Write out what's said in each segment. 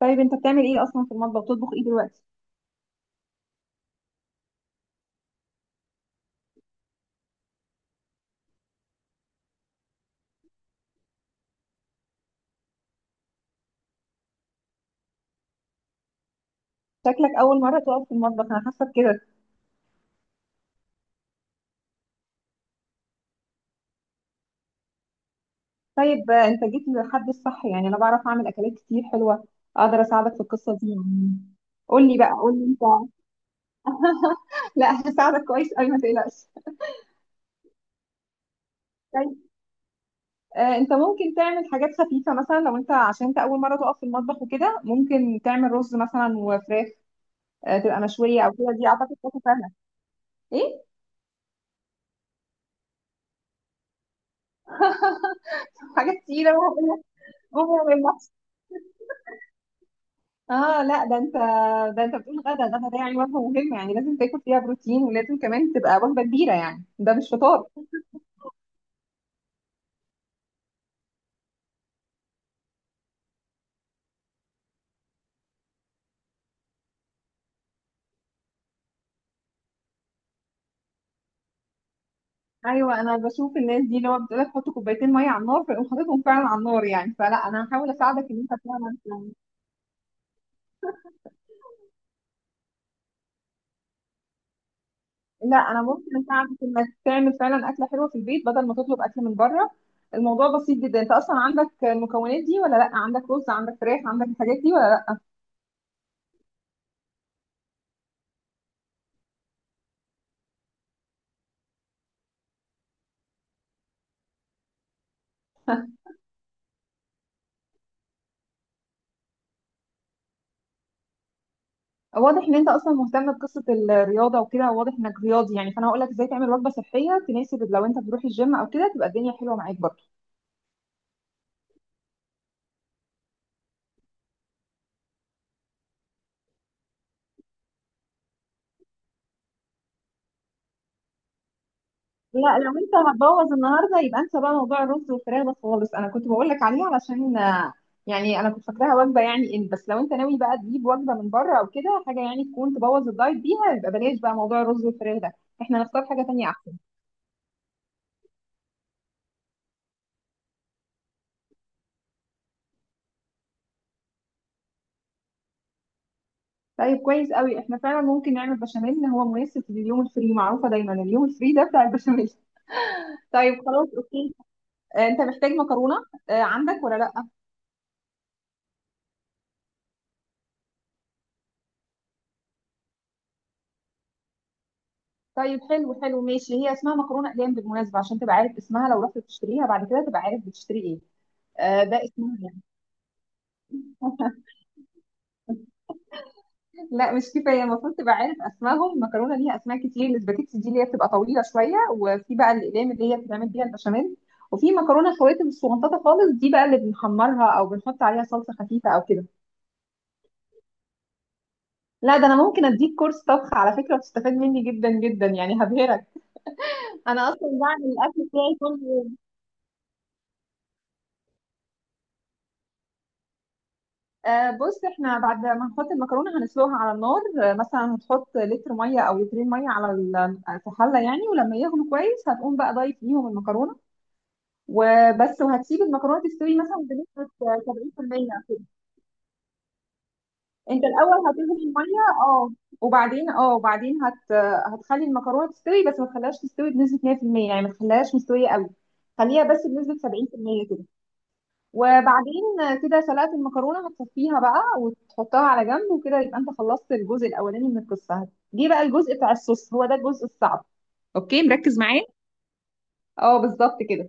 طيب انت بتعمل ايه اصلا في المطبخ؟ بتطبخ ايه دلوقتي؟ شكلك اول مره تقف في المطبخ، انا حاسه كده. طيب انت جيت للحد الصح، يعني انا بعرف اعمل اكلات كتير حلوه. اقدر اساعدك في القصه دي يعني. قول لي بقى، قول لي انت. لا، هساعدك كويس قوي، ما تقلقش. طيب انت ممكن تعمل حاجات خفيفه مثلا، لو انت عشان انت اول مره تقف في المطبخ وكده، ممكن تعمل رز مثلا وفراخ. تبقى مشويه او كده، دي اعتقد تبقى سهله. ايه، حاجات كتيره. اه لا ده انت، ده انت بتقول غدا غدا، ده يعني وجبه مهمه، يعني لازم تاكل فيها بروتين، ولازم كمان تبقى وجبه كبيره، يعني ده مش فطار. ايوه، انا بشوف الناس دي اللي هو بتقول لك حط كوبايتين ميه على النار فيقوم حاططهم فعلا على النار، يعني فلا انا هحاول اساعدك ان انت فعلا. لا، انا ممكن اساعدك انك تعمل فعلا اكله حلوه في البيت بدل ما تطلب اكل من بره. الموضوع بسيط جدا، انت اصلا عندك المكونات دي ولا لا؟ عندك رز، عندك فراخ، عندك الحاجات دي ولا لا؟ واضح ان انت اصلا مهتم بقصه الرياضه وكده، واضح انك رياضي يعني، فانا هقول لك ازاي تعمل وجبه صحيه تناسب لو انت بتروح الجيم او كده، تبقى الدنيا حلوه معاك برضه. لا، لو انت هتبوظ النهارده يبقى انسى بقى موضوع الرز والفراخ ده خالص، انا كنت بقول لك عليه علشان يعني انا كنت فاكراها وجبه يعني، ان بس لو انت ناوي بقى تجيب وجبه من بره او كده حاجه يعني تكون تبوظ الدايت بيها، يبقى بلاش بقى موضوع الرز والفراخ ده، احنا نختار حاجه تانية احسن. طيب كويس قوي، احنا فعلا ممكن نعمل بشاميل، هو مناسب لليوم الفري، معروفه دايما اليوم الفري ده بتاع البشاميل. طيب خلاص اوكي. انت محتاج مكرونه، عندك ولا لا؟ طيب حلو حلو ماشي، هي اسمها مكرونه اقلام بالمناسبه، عشان تبقى عارف اسمها، لو رحت تشتريها بعد كده تبقى عارف بتشتري ايه. آه ده اسمها يعني. لا مش كفايه، المفروض تبقى عارف اسمائهم، المكرونه ليها اسماء كتير، الاسباجيتي دي اللي هي بتبقى طويله شويه، وفي بقى الاقلام اللي هي بتتعمل بيها البشاميل، وفي مكرونه خواتم الصغنططه خالص، دي بقى اللي بنحمرها او بنحط عليها صلصه خفيفه او كده. لا ده انا ممكن اديك كورس طبخ على فكره، وتستفاد مني جدا جدا يعني، هبهرك. انا اصلا بعمل الاكل بتاعي كله. بص، احنا بعد ما نحط المكرونه هنسلقها على النار، مثلا هتحط لتر ميه او لترين ميه على في حله يعني، ولما يغلوا كويس هتقوم بقى ضايف ليهم المكرونه، وبس، وهتسيب المكرونه تستوي مثلا بنسبه 70% كده. انت الاول هتغلي الميه، اه وبعدين، اه وبعدين هتخلي المكرونه تستوي، بس ما تخليهاش تستوي بنسبه 100%، يعني ما تخليهاش مستويه قوي، خليها بس بنسبه 70% كده. وبعدين كده سلقة المكرونة هتصفيها بقى وتحطها على جنب وكده، يبقى انت خلصت الجزء الأولاني من القصة، جه بقى الجزء بتاع الصوص، هو ده الجزء الصعب. اوكي مركز معايا. اه بالظبط كده.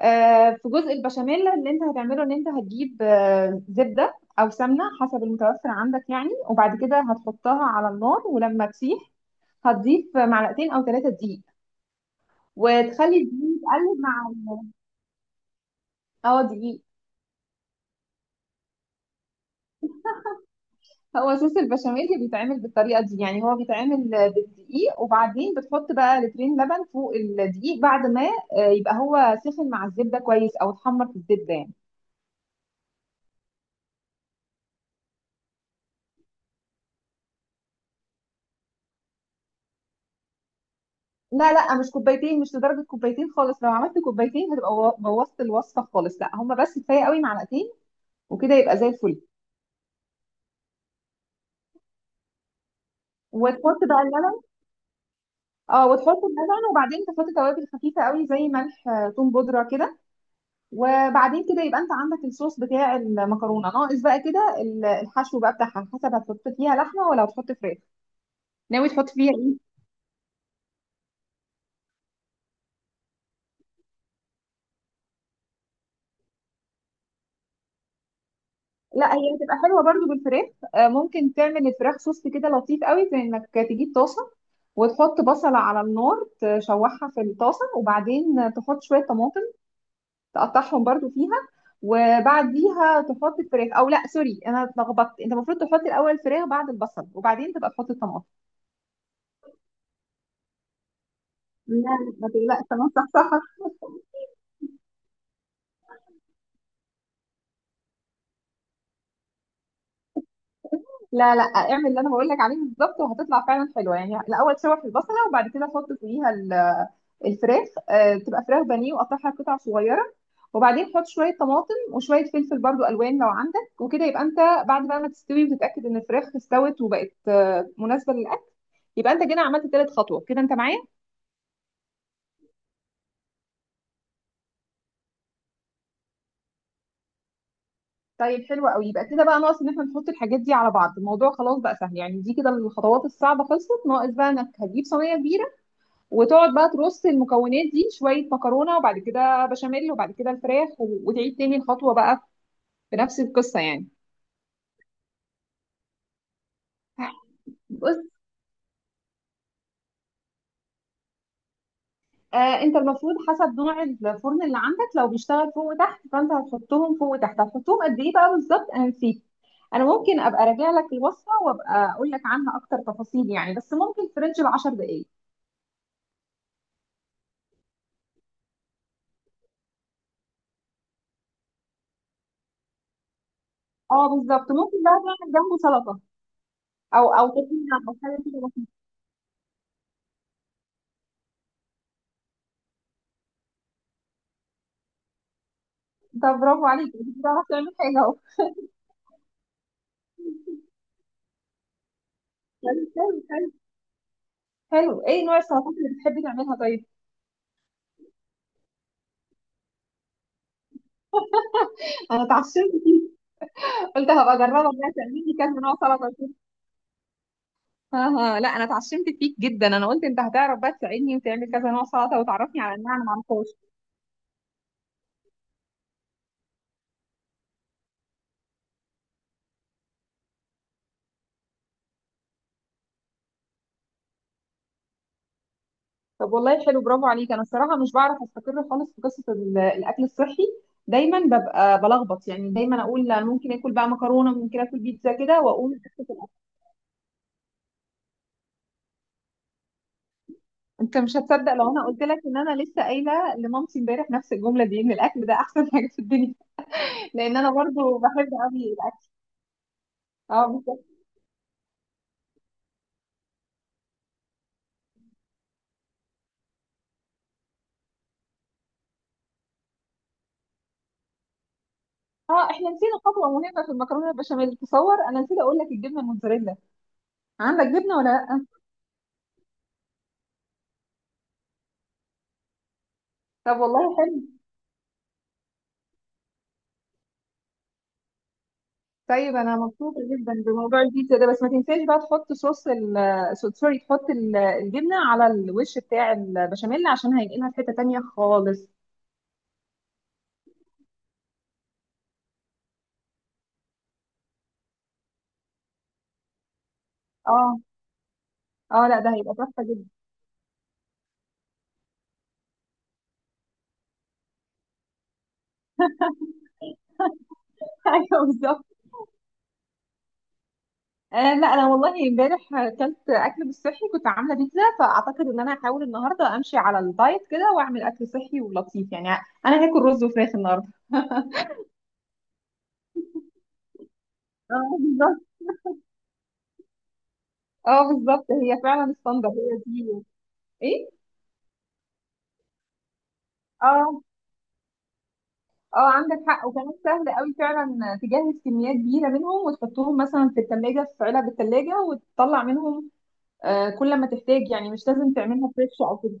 في جزء البشاميل اللي انت هتعمله، ان انت هتجيب زبدة أو سمنة حسب المتوفر عندك يعني، وبعد كده هتحطها على النار، ولما تسيح هتضيف معلقتين أو ثلاثة دقيق، وتخلي الدقيق يتقلب مع. اه دقيق، هو صوص البشاميل اللي بيتعمل بالطريقه دي يعني، هو بيتعمل بالدقيق، وبعدين بتحط بقى لترين لبن فوق الدقيق بعد ما يبقى هو سخن مع الزبده كويس او اتحمر في الزبده يعني. لا لا مش كوبايتين، مش لدرجه كوبايتين خالص، لو عملت كوبايتين هتبقى بوظت الوصفه خالص، لا هما بس كفايه قوي معلقتين، وكده يبقى زي الفل. وتحط بقى اللبن. اه وتحط اللبن، وبعدين تحط توابل خفيفه قوي زي ملح، توم بودره كده، وبعدين كده يبقى انت عندك الصوص بتاع المكرونه، ناقص بقى كده الحشو بقى بتاعها، على حسب هتحط فيها لحمه ولا هتحط فراخ. ناوي تحط فيها ايه؟ لا، هي هتبقى حلوه برضو بالفراخ. ممكن تعمل الفراخ صوص كده لطيف قوي، في انك تجيب طاسه وتحط بصله على النار، تشوحها في الطاسه وبعدين تحط شويه طماطم، تقطعهم برضو فيها، وبعديها تحط الفراخ، او لا سوري انا اتلخبطت، انت المفروض تحط الاول الفراخ بعد البصل، وبعدين تبقى تحط الطماطم. لا ما تقلقش، انا صح صح. لا لا، اعمل اللي انا بقول لك عليه بالظبط، وهتطلع فعلا حلوه يعني، الاول شوح البصله، وبعد كده حط فوقيها الفراخ، تبقى فراخ بانيه وقطعها قطع صغيره، وبعدين حط شويه طماطم وشويه فلفل برضو الوان لو عندك، وكده يبقى انت بعد بقى ما تستوي وتتاكد ان الفراخ استوت وبقت مناسبه للاكل، يبقى انت كده عملت تالت خطوه، كده انت معايا. طيب حلو قوي، يبقى كده بقى ناقص ان احنا نحط الحاجات دي على بعض، الموضوع خلاص بقى سهل يعني، دي كده الخطوات الصعبه خلصت، ناقص بقى انك هتجيب صينيه كبيره، وتقعد بقى ترص المكونات دي، شوية مكرونة وبعد كده بشاميل وبعد كده الفراخ، وتعيد تاني الخطوة بقى بنفس القصة يعني. بص، انت المفروض حسب نوع الفرن اللي عندك، لو بيشتغل فوق وتحت فانت هتحطهم فوق وتحت، هتحطهم قد ايه بقى بالظبط انا نسيت، انا ممكن ابقى راجع لك الوصفة وابقى اقول لك عنها اكتر تفاصيل يعني، بس ممكن في رينج ال 10 دقايق. اه بالظبط، ممكن بقى تعمل جنبه سلطة، او او طحينة، او حاجة كده بسيطة. انت برافو عليك، انت بتعرف تعمل حاجة. اهو. حلو، ايه نوع السلطات اللي بتحبي تعملها طيب؟ انا اتعشمت، قلت هبقى اجربك بقى تعملي كذا نوع سلطه وكده. ها. ها، لا انا اتعشمت فيك جدا، انا قلت انت هتعرف بقى تساعدني وتعمل كذا نوع سلطه وتعرفني على انواع انا ما اعرفهاش. طب والله حلو، برافو عليك، انا الصراحه مش بعرف استقر خالص في قصه الاكل الصحي، دايما ببقى بلخبط يعني، دايما اقول لا، ممكن اكل بقى مكرونه، ممكن اكل بيتزا كده، واقوم أكل في الأكل. انت مش هتصدق لو انا قلت لك ان انا لسه قايله لمامتي امبارح نفس الجمله دي، ان الاكل ده احسن حاجه في الدنيا، لان انا برضو بحب قوي. اه بالظبط. اه احنا نسينا خطوه مهمه في المكرونه البشاميل، تصور انا نسيت اقول لك الجبنه الموتزاريلا، عندك جبنه ولا لا؟ طب والله حلو. طيب انا مبسوطه جدا بموضوع البيتزا ده، بس ما تنساش بقى تحط صوص سوري، تحط الجبنه على الوش بتاع البشاميل عشان هينقلها في حته تانيه خالص. اه. اه لا، ده هيبقى تحفه جدا. ايوه بالظبط. لا انا والله امبارح اكلت اكل مش صحي، كنت عامله بيتزا، فاعتقد ان انا هحاول النهارده امشي على الدايت كده واعمل اكل صحي ولطيف يعني، انا هاكل رز وفراخ النهارده. اه بالظبط. اه بالظبط، هي فعلا الصندوق هي دي. ايه. اه. اه عندك حق، وكمان سهل قوي فعلا، تجهز كميات كبيره منهم وتحطهم مثلا في الثلاجه في علب الثلاجه، وتطلع منهم كل ما تحتاج يعني، مش لازم تعملها فريش او كده.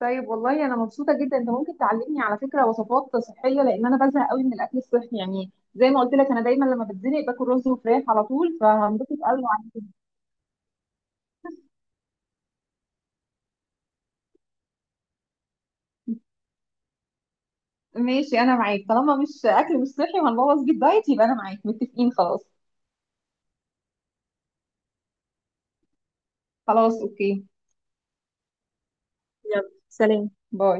طيب والله انا مبسوطه جدا، انت ممكن تعلمني على فكره وصفات صحيه، لان انا بزهق قوي من الاكل الصحي يعني، زي ما قلت لك انا دايما لما بتزنق باكل رز وفراخ على طول، فهنبسط قوي. ماشي انا معاك، طالما مش اكل مش صحي وهنبوظ بيه الدايت يبقى انا معاك، متفقين خلاص. خلاص اوكي. يلا سلام، باي.